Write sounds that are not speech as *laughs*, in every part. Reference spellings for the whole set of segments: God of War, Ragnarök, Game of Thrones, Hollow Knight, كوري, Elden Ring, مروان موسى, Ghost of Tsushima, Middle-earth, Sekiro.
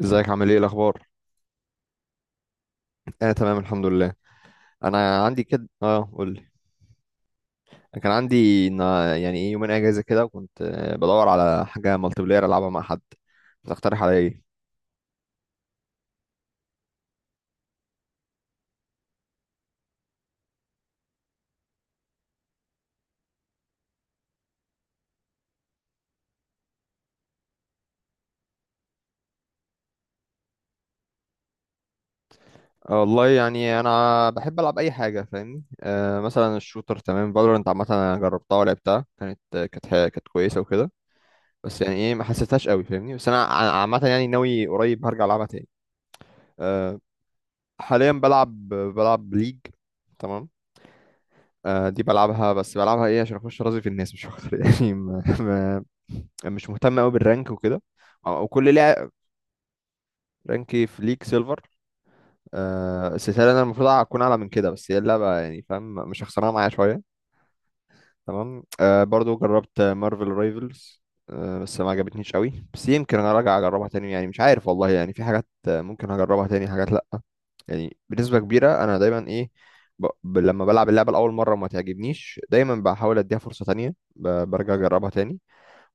ازيك عامل ايه الاخبار؟ انا تمام الحمد لله. انا عندي كده قول لي. أنا كان عندي إن- يعني ايه يومين اجازه كده وكنت بدور على حاجه مالتي بلاير العبها مع حد. تقترح عليا ايه؟ والله يعني انا بحب العب اي حاجه، فاهمني. مثلا الشوتر، تمام. فالورنت عامه انا جربتها ولعبتها، كانت آه، كانت ح- كانت كويسه وكده. بس يعني ايه ما حسيتهاش قوي، فاهمني. بس انا عامه يعني ناوي قريب هرجع العبها تاني. آه حاليا بلعب ليج، تمام. دي بلعبها، بس بلعبها ايه عشان اخش راضي في الناس مش اكتر *laughs* يعني ما ما مش مهتم قوي بالرانك وكده. او كل لاعب، رانكي في ليك سيلفر. السلسله، انا المفروض اكون اعلى من كده، بس هي اللعبه يعني فاهم، مش خسرانه معايا شويه. تمام. برضو جربت مارفل رايفلز. بس ما عجبتنيش قوي، بس يمكن انا راجع اجربها تاني، يعني مش عارف والله، يعني في حاجات ممكن هجربها تاني، حاجات لا. يعني بنسبة كبيرة أنا دايما لما بلعب اللعبة لأول مرة وما تعجبنيش دايما بحاول أديها فرصة تانية، برجع أجربها تاني.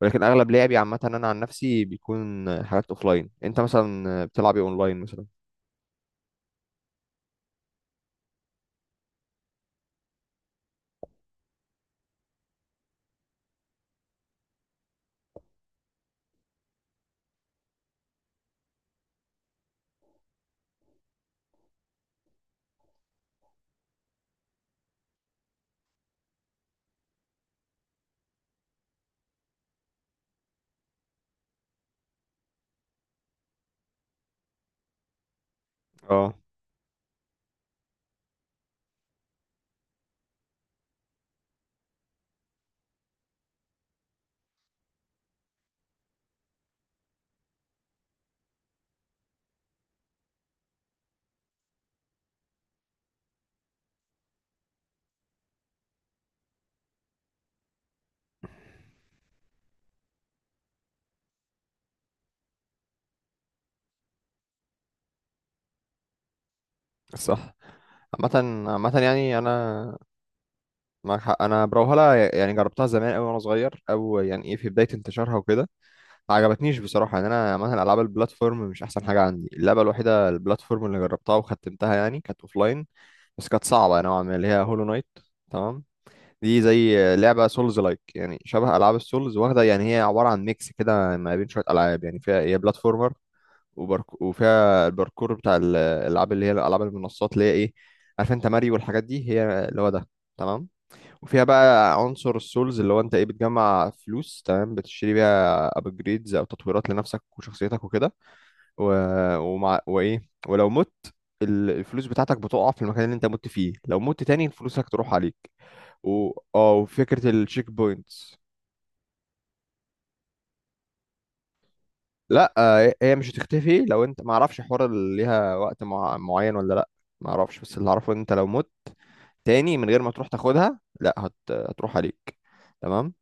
ولكن أغلب لعبي عامة، أنا عن نفسي بيكون حاجات أوفلاين. أنت مثلا بتلعب إيه أونلاين مثلا؟ اه، صح. عامة، عامة، يعني أنا معاك حق، أنا بروهلا يعني جربتها زمان أوي وأنا صغير، أو يعني في بداية انتشارها وكده. ما عجبتنيش بصراحة. يعني أنا عامة ألعاب البلاتفورم مش أحسن حاجة عندي. اللعبة الوحيدة البلاتفورم اللي جربتها وختمتها يعني كانت أوفلاين، بس كانت صعبة نوعا ما، اللي هي هولو نايت. تمام. دي زي لعبة سولز لايك، يعني شبه ألعاب السولز واخدة، يعني هي عبارة عن ميكس كده ما بين شوية ألعاب، يعني فيها هي بلاتفورمر. وفيها الباركور بتاع الألعاب اللي هي ألعاب المنصات، اللي هي إيه، عارف أنت ماريو والحاجات دي، هي اللي هو ده. تمام. وفيها بقى عنصر السولز، اللي هو أنت بتجمع فلوس، تمام. بتشتري بيها أبجريدز أو تطويرات لنفسك وشخصيتك وكده. و... ومع... وايه ولو مت، الفلوس بتاعتك بتقع في المكان اللي انت مت فيه، لو مت تاني فلوسك تروح عليك. و... اه وفكرة التشيك بوينتس. لا، هي مش هتختفي، لو انت ما اعرفش حوار اللي ليها وقت معين ولا لا. ما اعرفش، بس اللي اعرفه ان انت لو مت تاني من غير ما تروح تاخدها، لا هتروح عليك. تمام.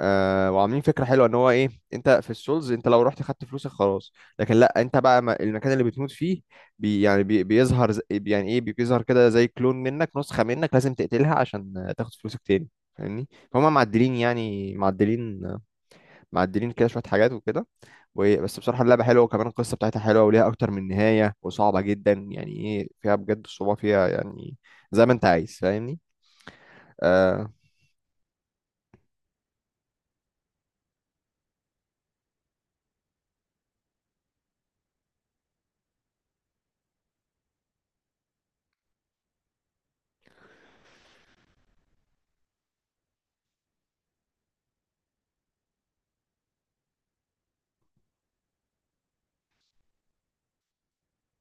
وعاملين فكره حلوه ان هو ايه. انت في السولز، انت لو رحت خدت فلوسك خلاص، لكن لا، انت بقى، المكان اللي بتموت فيه، بي يعني بي بيظهر ز- يعني ايه بيظهر كده زي كلون منك، نسخه منك، لازم تقتلها عشان تاخد فلوسك تاني. فاهمني، فهم. معدلين يعني معدلين آه، معدلين كده شويه حاجات وكده. بس بصراحه اللعبه حلوه، وكمان القصه بتاعتها حلوه وليها اكتر من نهايه، وصعبه جدا يعني ايه، فيها بجد الصعوبه فيها يعني، زي ما انت عايز، فاهمني. آه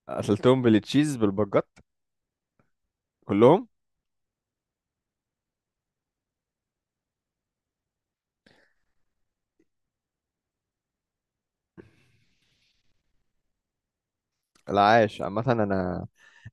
قتلتهم بالتشيز بالبجات كلهم؟ العاش. عامة أنا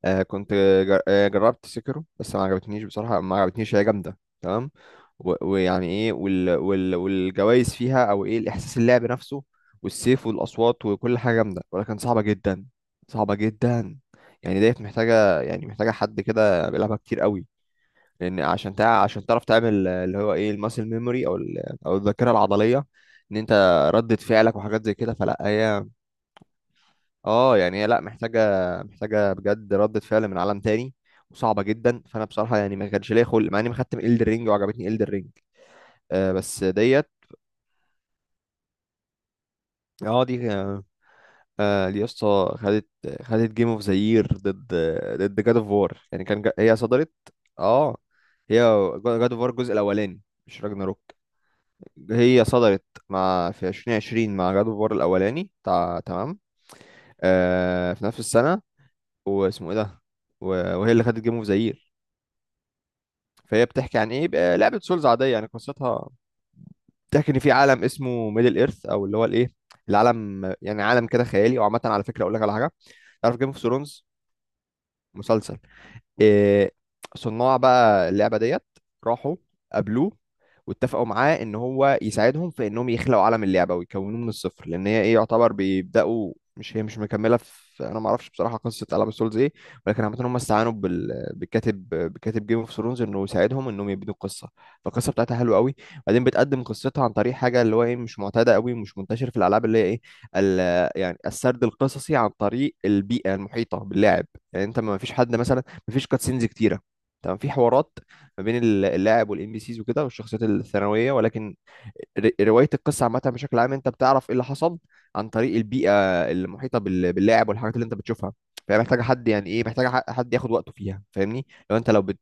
آه، كنت جر- آه، جربت سكرو، بس ما عجبتنيش بصراحة، ما عجبتنيش، هي جامدة تمام. و- ويعني إيه والجوايز فيها، أو الإحساس اللعب نفسه، والسيف والأصوات وكل حاجة جامدة، ولكن صعبة جدا، صعبة جدا. يعني ديت محتاجة، يعني محتاجة حد كده بيلعبها كتير قوي. لأن عشان تعرف تعمل، اللي هو إيه الماسل ميموري، أو أو الذاكرة العضلية. إن أنت ردة فعلك وحاجات زي كده، فلا هي، اه يعني هي، لا محتاجه بجد ردة فعل من عالم تاني، وصعبه جدا. فانا بصراحه يعني ما كانش ليا خلق، مع اني مختم الدر رينج وعجبتني الدر رينج. بس ديت، اه، دي آه آه، دي يا اسطى، خدت جيم اوف ذا يير، ضد، جاد اوف وار. يعني هي صدرت. اه، هي جاد اوف وار الجزء الاولاني، مش راجناروك. هي صدرت في 2020 مع جاد اوف وار الاولاني، تمام. في نفس السنه، واسمه ايه ده، وهي اللي خدت جيم اوف ذا. فهي بتحكي عن ايه بقى، لعبه سولز عاديه يعني، قصتها بتحكي ان في عالم اسمه ميدل ايرث، او اللي هو الايه، العالم، يعني عالم كده خيالي. وعامه على فكره اقول لك على حاجه. تعرف جيم اوف ثرونز، مسلسل؟ إيه، صناع بقى اللعبة ديت راحوا قابلوه، واتفقوا معاه ان هو يساعدهم في انهم يخلقوا عالم اللعبة ويكونوه من الصفر، لان هي ايه يعتبر بيبدأوا، مش هي مش مكملة في، انا ما اعرفش بصراحة قصة العاب سولز ايه. ولكن عامة هم استعانوا بالكاتب، بكاتب جيم اوف ثرونز، انه يساعدهم انهم يبنوا القصة. فالقصة بتاعتها حلوة قوي. بعدين بتقدم قصتها عن طريق حاجة، اللي هو ايه مش معتادة قوي، مش منتشر في الالعاب، اللي هي ايه، ال... يعني السرد القصصي عن طريق البيئة المحيطة باللاعب. يعني انت، ما فيش حد مثلا، مفيش كاتسينز كتيره، تمام. في حوارات ما بين اللاعب والان بي سيز وكده، والشخصيات الثانويه، ولكن روايه القصه عامه، بشكل عام انت بتعرف ايه اللي حصل عن طريق البيئه المحيطه باللاعب، والحاجات اللي انت بتشوفها. فهي محتاجه حد، يعني ايه محتاجه حد ياخد وقته فيها، فاهمني. لو انت لو بت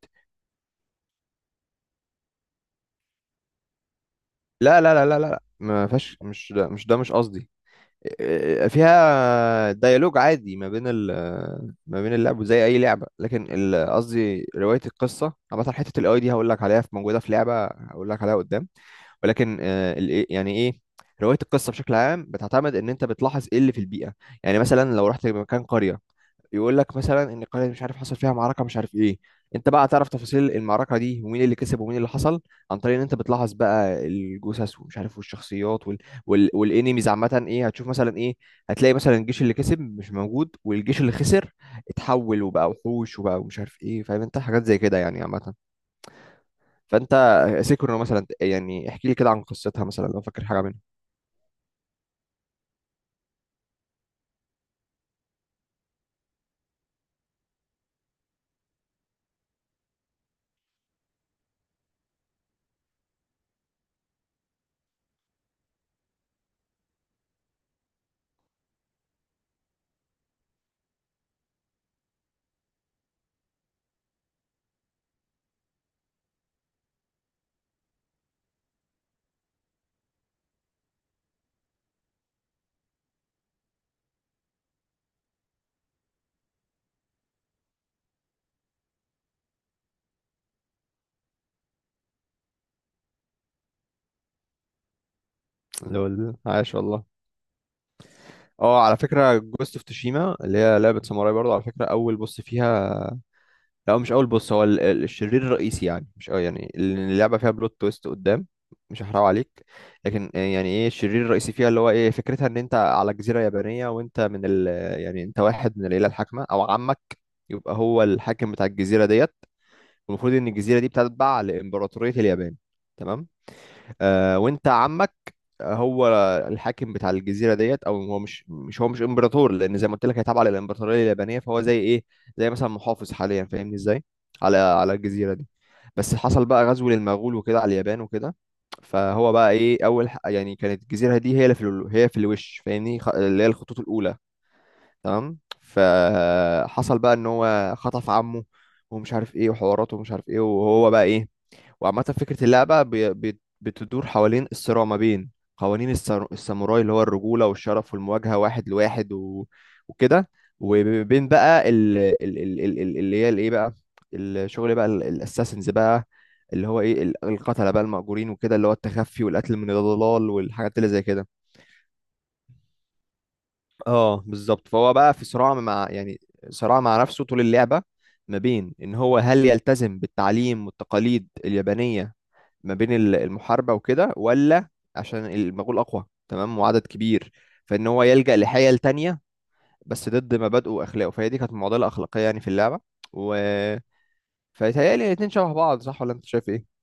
لا، لا، لا، لا، لا، لا، ما فيهاش، مش ده، مش قصدي. فيها ديالوج عادي ما بين ال، ما بين اللعب زي اي لعبه، لكن قصدي، روايه القصه عامه، حته الاي دي هقول لك عليها، في موجوده في لعبه هقول لك عليها قدام. ولكن آه، ال- إيه- يعني ايه روايه القصه بشكل عام بتعتمد ان انت بتلاحظ ايه اللي في البيئه. يعني مثلا لو رحت مكان قريه، يقول لك مثلا ان قرية مش عارف حصل فيها معركة مش عارف ايه. انت بقى تعرف تفاصيل المعركة دي، ومين اللي كسب ومين اللي حصل، عن طريق ان انت بتلاحظ بقى الجثث ومش عارف، والشخصيات والانيميز عامة، ايه هتشوف مثلا، ايه هتلاقي مثلا. الجيش اللي كسب مش موجود، والجيش اللي خسر اتحول وبقى وحوش، وبقى ومش عارف ايه، فاهم انت؟ حاجات زي كده، يعني عامة. فانت، سيكرو مثلا يعني، احكي لي كده عن قصتها مثلا لو فاكر حاجة منها. لول، عاش والله. اه على فكرة، جوست اوف توشيما، اللي هي لعبة ساموراي برضه، على فكرة أول بوس فيها. لا هو مش اول بص، هو الشرير الرئيسي يعني، مش، اللي اللعبه فيها بلوت تويست قدام، مش هحرقه عليك. لكن يعني ايه الشرير الرئيسي فيها، اللي هو ايه فكرتها، ان انت على جزيره يابانيه، وانت من ال، يعني انت واحد من العيله الحاكمه، او عمك يبقى هو الحاكم بتاع الجزيره ديت. والمفروض ان الجزيره دي بتتبع لامبراطوريه اليابان، تمام. وانت عمك، هو الحاكم بتاع الجزيره ديت، او هو مش امبراطور، لان زي ما قلت لك هي تابعه للامبراطوريه اليابانيه، فهو زي ايه، زي مثلا محافظ حاليا، فاهمني ازاي، على الجزيره دي. بس حصل بقى غزو للمغول وكده على اليابان وكده. فهو بقى ايه، اول ح- يعني كانت الجزيره دي هي اللي في هي في الوش، فاهمني، اللي هي الخطوط الاولى، تمام. فحصل بقى ان هو خطف عمه ومش عارف ايه وحواراته ومش عارف ايه، وهو بقى ايه. وعامة فكرة اللعبة بتدور حوالين الصراع ما بين قوانين الساموراي، اللي هو الرجولة والشرف والمواجهة واحد لواحد وكده، وبين بقى اللي هي الايه بقى، الشغل بقى، الاساسنز بقى، اللي هو ايه، القتلة بقى المأجورين وكده، اللي هو التخفي والقتل من الضلال والحاجات اللي زي كده. اه بالظبط. فهو بقى في صراع مع، يعني صراع مع نفسه طول اللعبة، ما بين ان هو هل يلتزم بالتعليم والتقاليد اليابانية، ما بين المحاربة وكده، ولا عشان المغول اقوى تمام وعدد كبير، فان هو يلجأ لحيل تانية، بس ضد مبادئه واخلاقه. فهي دي كانت معضلة اخلاقية يعني في اللعبة. و فيتهيألي الاتنين شبه بعض، صح ولا انت شايف ايه؟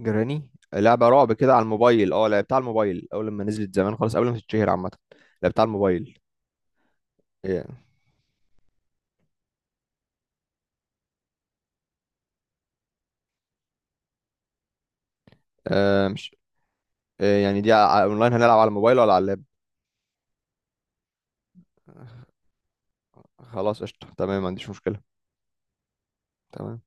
جراني، لعبة رعب كده على الموبايل، اه لعبتها على الموبايل اول لما نزلت زمان خالص قبل ما تتشهر عامة. لعبتها على الموبايل. إيه. مش، إيه يعني، دي اونلاين، هنلعب على الموبايل ولا على اللاب؟ خلاص قشطة، تمام، ما عنديش مشكلة. تمام.